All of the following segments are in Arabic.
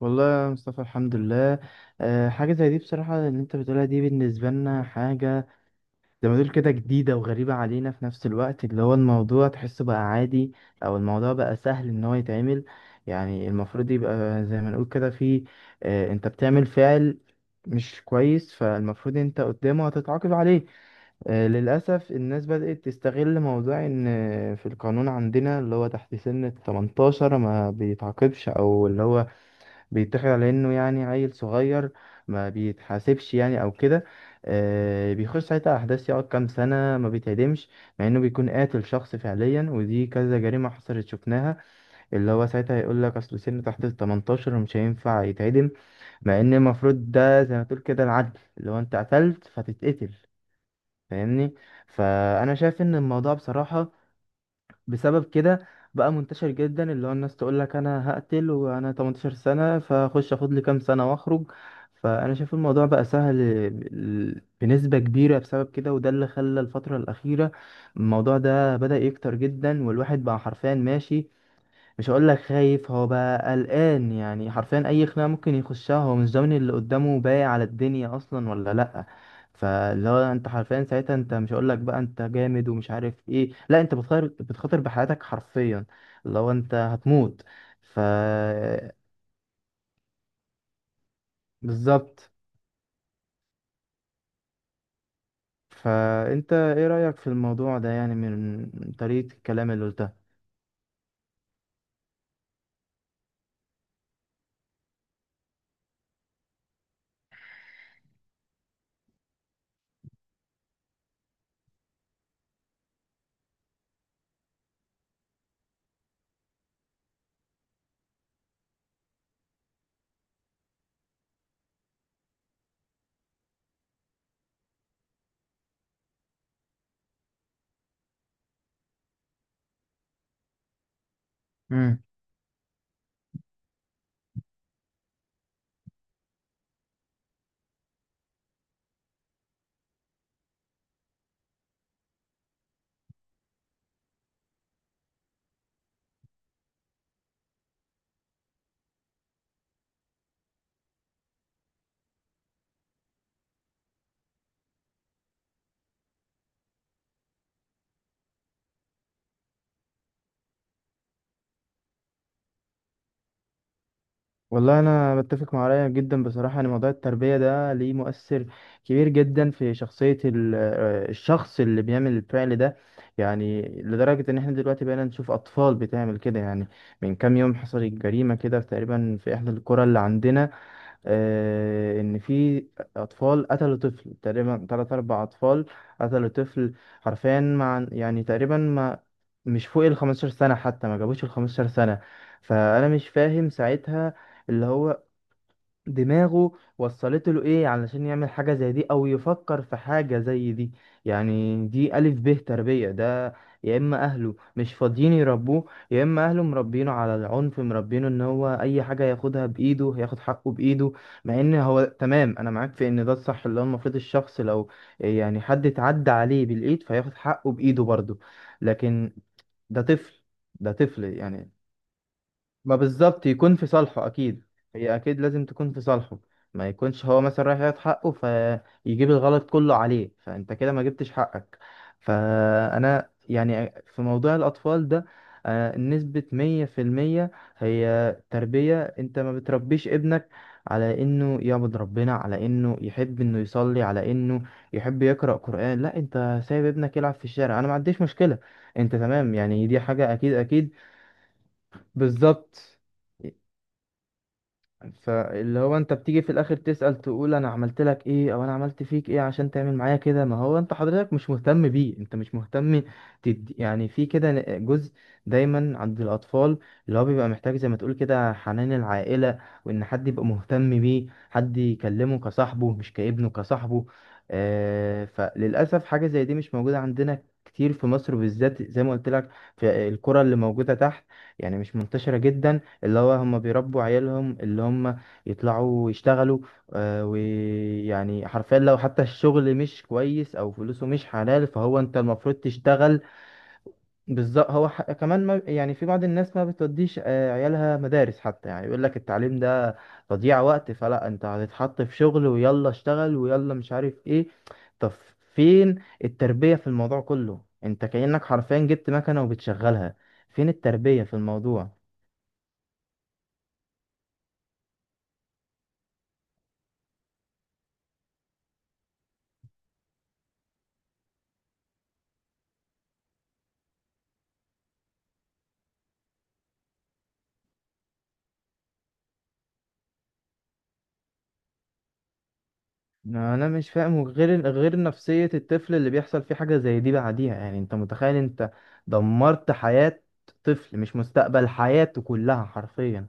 والله يا مصطفى، الحمد لله. حاجة زي دي بصراحة اللي انت بتقولها دي بالنسبة لنا حاجة زي ما تقول كده جديدة وغريبة علينا. في نفس الوقت اللي هو الموضوع تحسه بقى عادي، أو الموضوع بقى سهل إن هو يتعمل. يعني المفروض يبقى زي ما نقول كده في أه انت بتعمل فعل مش كويس، فالمفروض انت قدامه هتتعاقب عليه. للأسف الناس بدأت تستغل موضوع إن في القانون عندنا اللي هو تحت سن 18 ما بيتعاقبش، أو اللي هو بيتاخد على انه يعني عيل صغير ما بيتحاسبش يعني او كده. بيخش ساعتها احداث، يقعد كام سنه ما بيتعدمش، مع انه بيكون قاتل شخص فعليا، ودي كذا جريمه حصلت شفناها. اللي هو ساعتها يقول لك اصل سنه تحت ال 18 ومش هينفع يتعدم، مع ان المفروض ده زي ما تقول كده العدل، اللي هو انت قتلت فتتقتل. فاهمني؟ فانا شايف ان الموضوع بصراحه بسبب كده بقى منتشر جدا، اللي هو الناس تقول لك انا هقتل وانا 18 سنة، فاخش اخد لي كام سنة واخرج. فانا شايف الموضوع بقى سهل بنسبة كبيرة بسبب كده، وده اللي خلى الفترة الأخيرة الموضوع ده بدأ يكتر جدا. والواحد بقى حرفيا ماشي، مش هقول لك خايف، هو بقى قلقان، يعني حرفيا اي خناقه ممكن يخشها هو مش ضامن اللي قدامه باقي على الدنيا اصلا ولا لا. فاللي هو انت حرفيا ساعتها، انت مش هقول لك بقى انت جامد ومش عارف ايه، لا انت بتخاطر، بتخاطر بحياتك حرفيا، اللي هو انت هتموت. ف بالظبط. فانت ايه رايك في الموضوع ده، يعني من طريقه الكلام اللي قلتها؟ والله انا بتفق مع رايك جدا بصراحه، ان موضوع التربيه ده ليه مؤثر كبير جدا في شخصيه الشخص اللي بيعمل الفعل ده. يعني لدرجه ان احنا دلوقتي بقينا نشوف اطفال بتعمل كده. يعني من كام يوم حصلت جريمه كده تقريبا في احدى القرى اللي عندنا، ان في اطفال قتلوا طفل، تقريبا تلات اربع اطفال قتلوا طفل حرفيا. مع يعني تقريبا ما مش فوق ال 15 سنة، حتى ما جابوش ال 15 سنة. فانا مش فاهم ساعتها اللي هو دماغه وصلت له ايه علشان يعمل حاجة زي دي او يفكر في حاجة زي دي. يعني دي ألف ب تربية ده. يا اما اهله مش فاضيين يربوه، يا اما اهله مربينه على العنف، مربينه ان هو اي حاجة ياخدها بايده، ياخد حقه بايده. مع ان هو تمام، انا معاك في ان ده الصح، اللي هو المفروض الشخص لو يعني حد اتعدى عليه بالايد فياخد حقه بايده برضه، لكن ده طفل. ده طفل يعني، ما بالظبط يكون في صالحه اكيد، هي اكيد لازم تكون في صالحه. ما يكونش هو مثلا رايح ياخد حقه فيجيب الغلط كله عليه، فانت كده ما جبتش حقك. فانا يعني في موضوع الاطفال ده نسبة 100% هي تربية. انت ما بتربيش ابنك على انه يعبد ربنا، على انه يحب انه يصلي، على انه يحب يقرأ قرآن، لا انت سايب ابنك يلعب في الشارع. انا ما عنديش مشكلة انت تمام، يعني دي حاجة اكيد اكيد بالظبط. فاللي هو انت بتيجي في الاخر تسأل تقول انا عملت لك ايه، او انا عملت فيك ايه عشان تعمل معايا كده، ما هو انت حضرتك مش مهتم بيه، انت مش مهتم تدي يعني. في كده جزء دايما عند الاطفال اللي هو بيبقى محتاج زي ما تقول كده حنان العائلة، وان حد يبقى مهتم بيه، حد يكلمه كصاحبه، مش كابنه، كصاحبه. فللاسف حاجة زي دي مش موجودة عندنا كتير في مصر بالذات، زي ما قلت لك، في الكرة اللي موجودة تحت يعني مش منتشرة جدا. اللي هو هم بيربوا عيالهم اللي هم يطلعوا يشتغلوا. ويعني حرفيا لو حتى الشغل مش كويس او فلوسه مش حلال فهو انت المفروض تشتغل بالظبط. هو كمان، ما يعني في بعض الناس ما بتوديش عيالها مدارس حتى، يعني يقول لك التعليم ده تضييع وقت، فلا انت هتتحط في شغل ويلا اشتغل ويلا مش عارف ايه. طب فين التربية في الموضوع كله؟ انت كأنك حرفيا جبت مكنة وبتشغلها. فين التربية في الموضوع؟ انا مش فاهم غير نفسية الطفل اللي بيحصل فيه حاجة زي دي بعديها. يعني انت متخيل انت دمرت حياة طفل، مش مستقبل، حياته كلها حرفيا.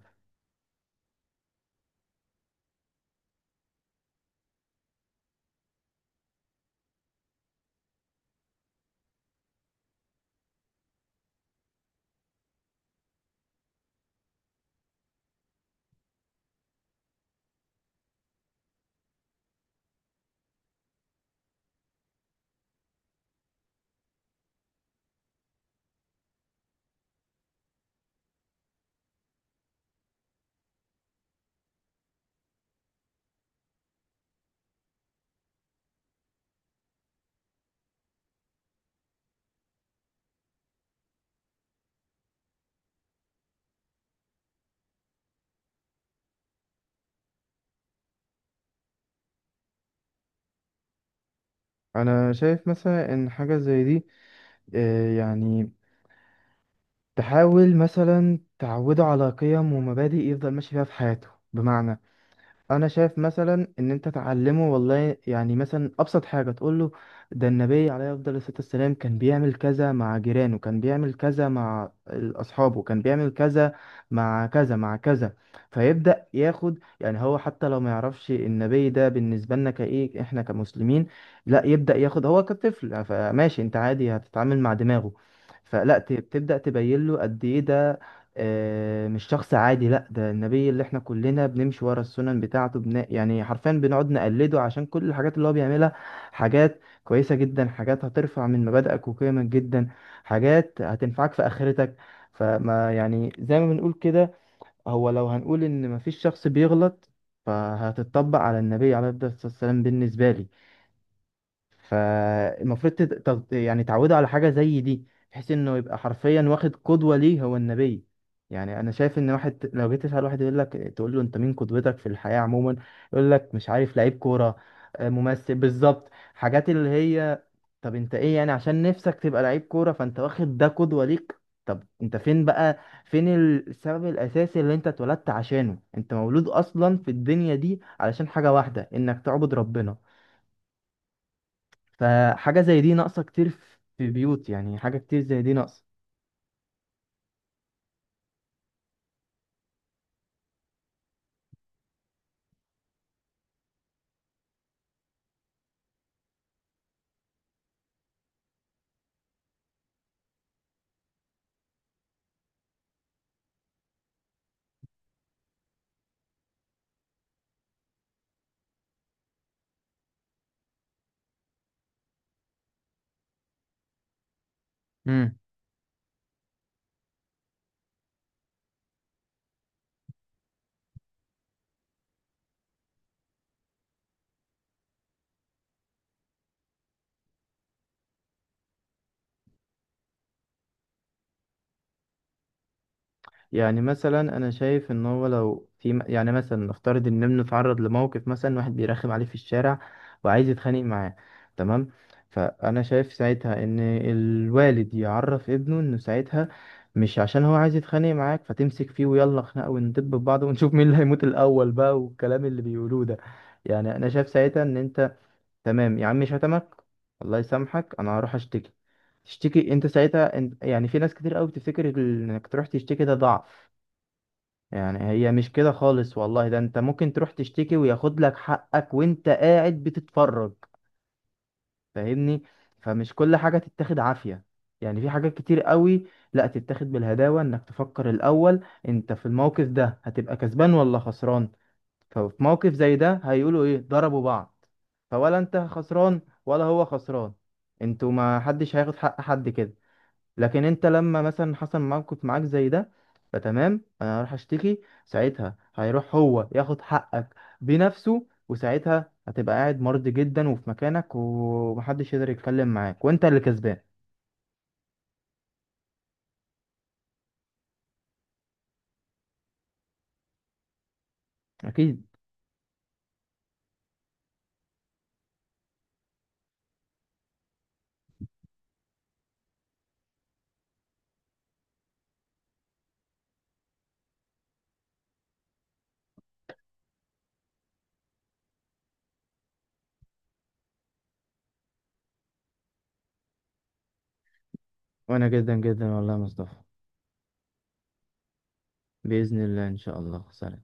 انا شايف مثلا ان حاجة زي دي يعني تحاول مثلا تعوده على قيم ومبادئ يفضل ماشي فيها في حياته. بمعنى انا شايف مثلا ان انت تعلمه والله يعني مثلا ابسط حاجه تقول له ده النبي عليه افضل الصلاه والسلام كان بيعمل كذا مع جيرانه، كان بيعمل كذا مع اصحابه، كان بيعمل كذا مع كذا مع كذا. فيبدا ياخد، يعني هو حتى لو ما يعرفش النبي ده بالنسبه لنا كايه احنا كمسلمين، لا يبدا ياخد هو كطفل، فماشي، انت عادي هتتعامل مع دماغه، فلا تبدا تبين له قد ايه ده مش شخص عادي، لا ده النبي اللي احنا كلنا بنمشي ورا السنن بتاعته، يعني حرفيا بنقعد نقلده عشان كل الحاجات اللي هو بيعملها حاجات كويسة جدا، حاجات هترفع من مبادئك وقيمك جدا، حاجات هتنفعك في آخرتك. فما يعني زي ما بنقول كده، هو لو هنقول ان مفيش شخص بيغلط فهتتطبق على النبي عليه الصلاة والسلام بالنسبة لي. فالمفروض يعني تعودوا على حاجة زي دي، بحيث انه يبقى حرفيا واخد قدوة ليه هو النبي. يعني انا شايف ان واحد لو جيت تسأل واحد يقول لك، تقول له انت مين قدوتك في الحياة عموما، يقول لك مش عارف لعيب كورة، ممثل بالظبط، حاجات اللي هي. طب انت ايه؟ يعني عشان نفسك تبقى لعيب كورة فانت واخد ده قدوة ليك؟ طب انت فين بقى؟ فين السبب الاساسي اللي انت اتولدت عشانه؟ انت مولود اصلا في الدنيا دي علشان حاجة واحدة، انك تعبد ربنا. فحاجة زي دي ناقصة كتير في بيوت، يعني حاجة كتير زي دي ناقصة. امم يعني مثلا انا شايف ان هو لو في يعني مثلا نفترض ان ابنه اتعرض لموقف، مثلا واحد بيرخم عليه في الشارع وعايز يتخانق معاه، تمام، فانا شايف ساعتها ان الوالد يعرف ابنه انه ساعتها مش عشان هو عايز يتخانق معاك فتمسك فيه ويلا خناقه وندب في بعض ونشوف مين اللي هيموت الاول بقى والكلام اللي بيقولوه ده. يعني انا شايف ساعتها ان انت، تمام يا عم، شتمك الله يسامحك، انا هروح اشتكي. تشتكي؟ انت ساعتها انت، يعني في ناس كتير قوي بتفتكر انك تروح تشتكي ده ضعف. يعني هي مش كده خالص والله، ده انت ممكن تروح تشتكي وياخد لك حقك وانت قاعد بتتفرج. فاهمني؟ فمش كل حاجة تتاخد عافية، يعني في حاجات كتير قوي لا تتاخد بالهداوة، انك تفكر الاول انت في الموقف ده هتبقى كسبان ولا خسران. ففي موقف زي ده هيقولوا ايه؟ ضربوا بعض، فولا انت خسران ولا هو خسران، انتوا ما حدش هياخد حق حد كده. لكن انت لما مثلا حصل موقف معاك زي ده، فتمام انا هروح اشتكي، ساعتها هيروح هو ياخد حقك بنفسه، وساعتها هتبقى قاعد مرضي جدا وفي مكانك، ومحدش يقدر يتكلم معاك، وانت اللي كسبان اكيد. وانا جدا جدا والله يا مصطفى، بإذن الله ان شاء الله. سلام.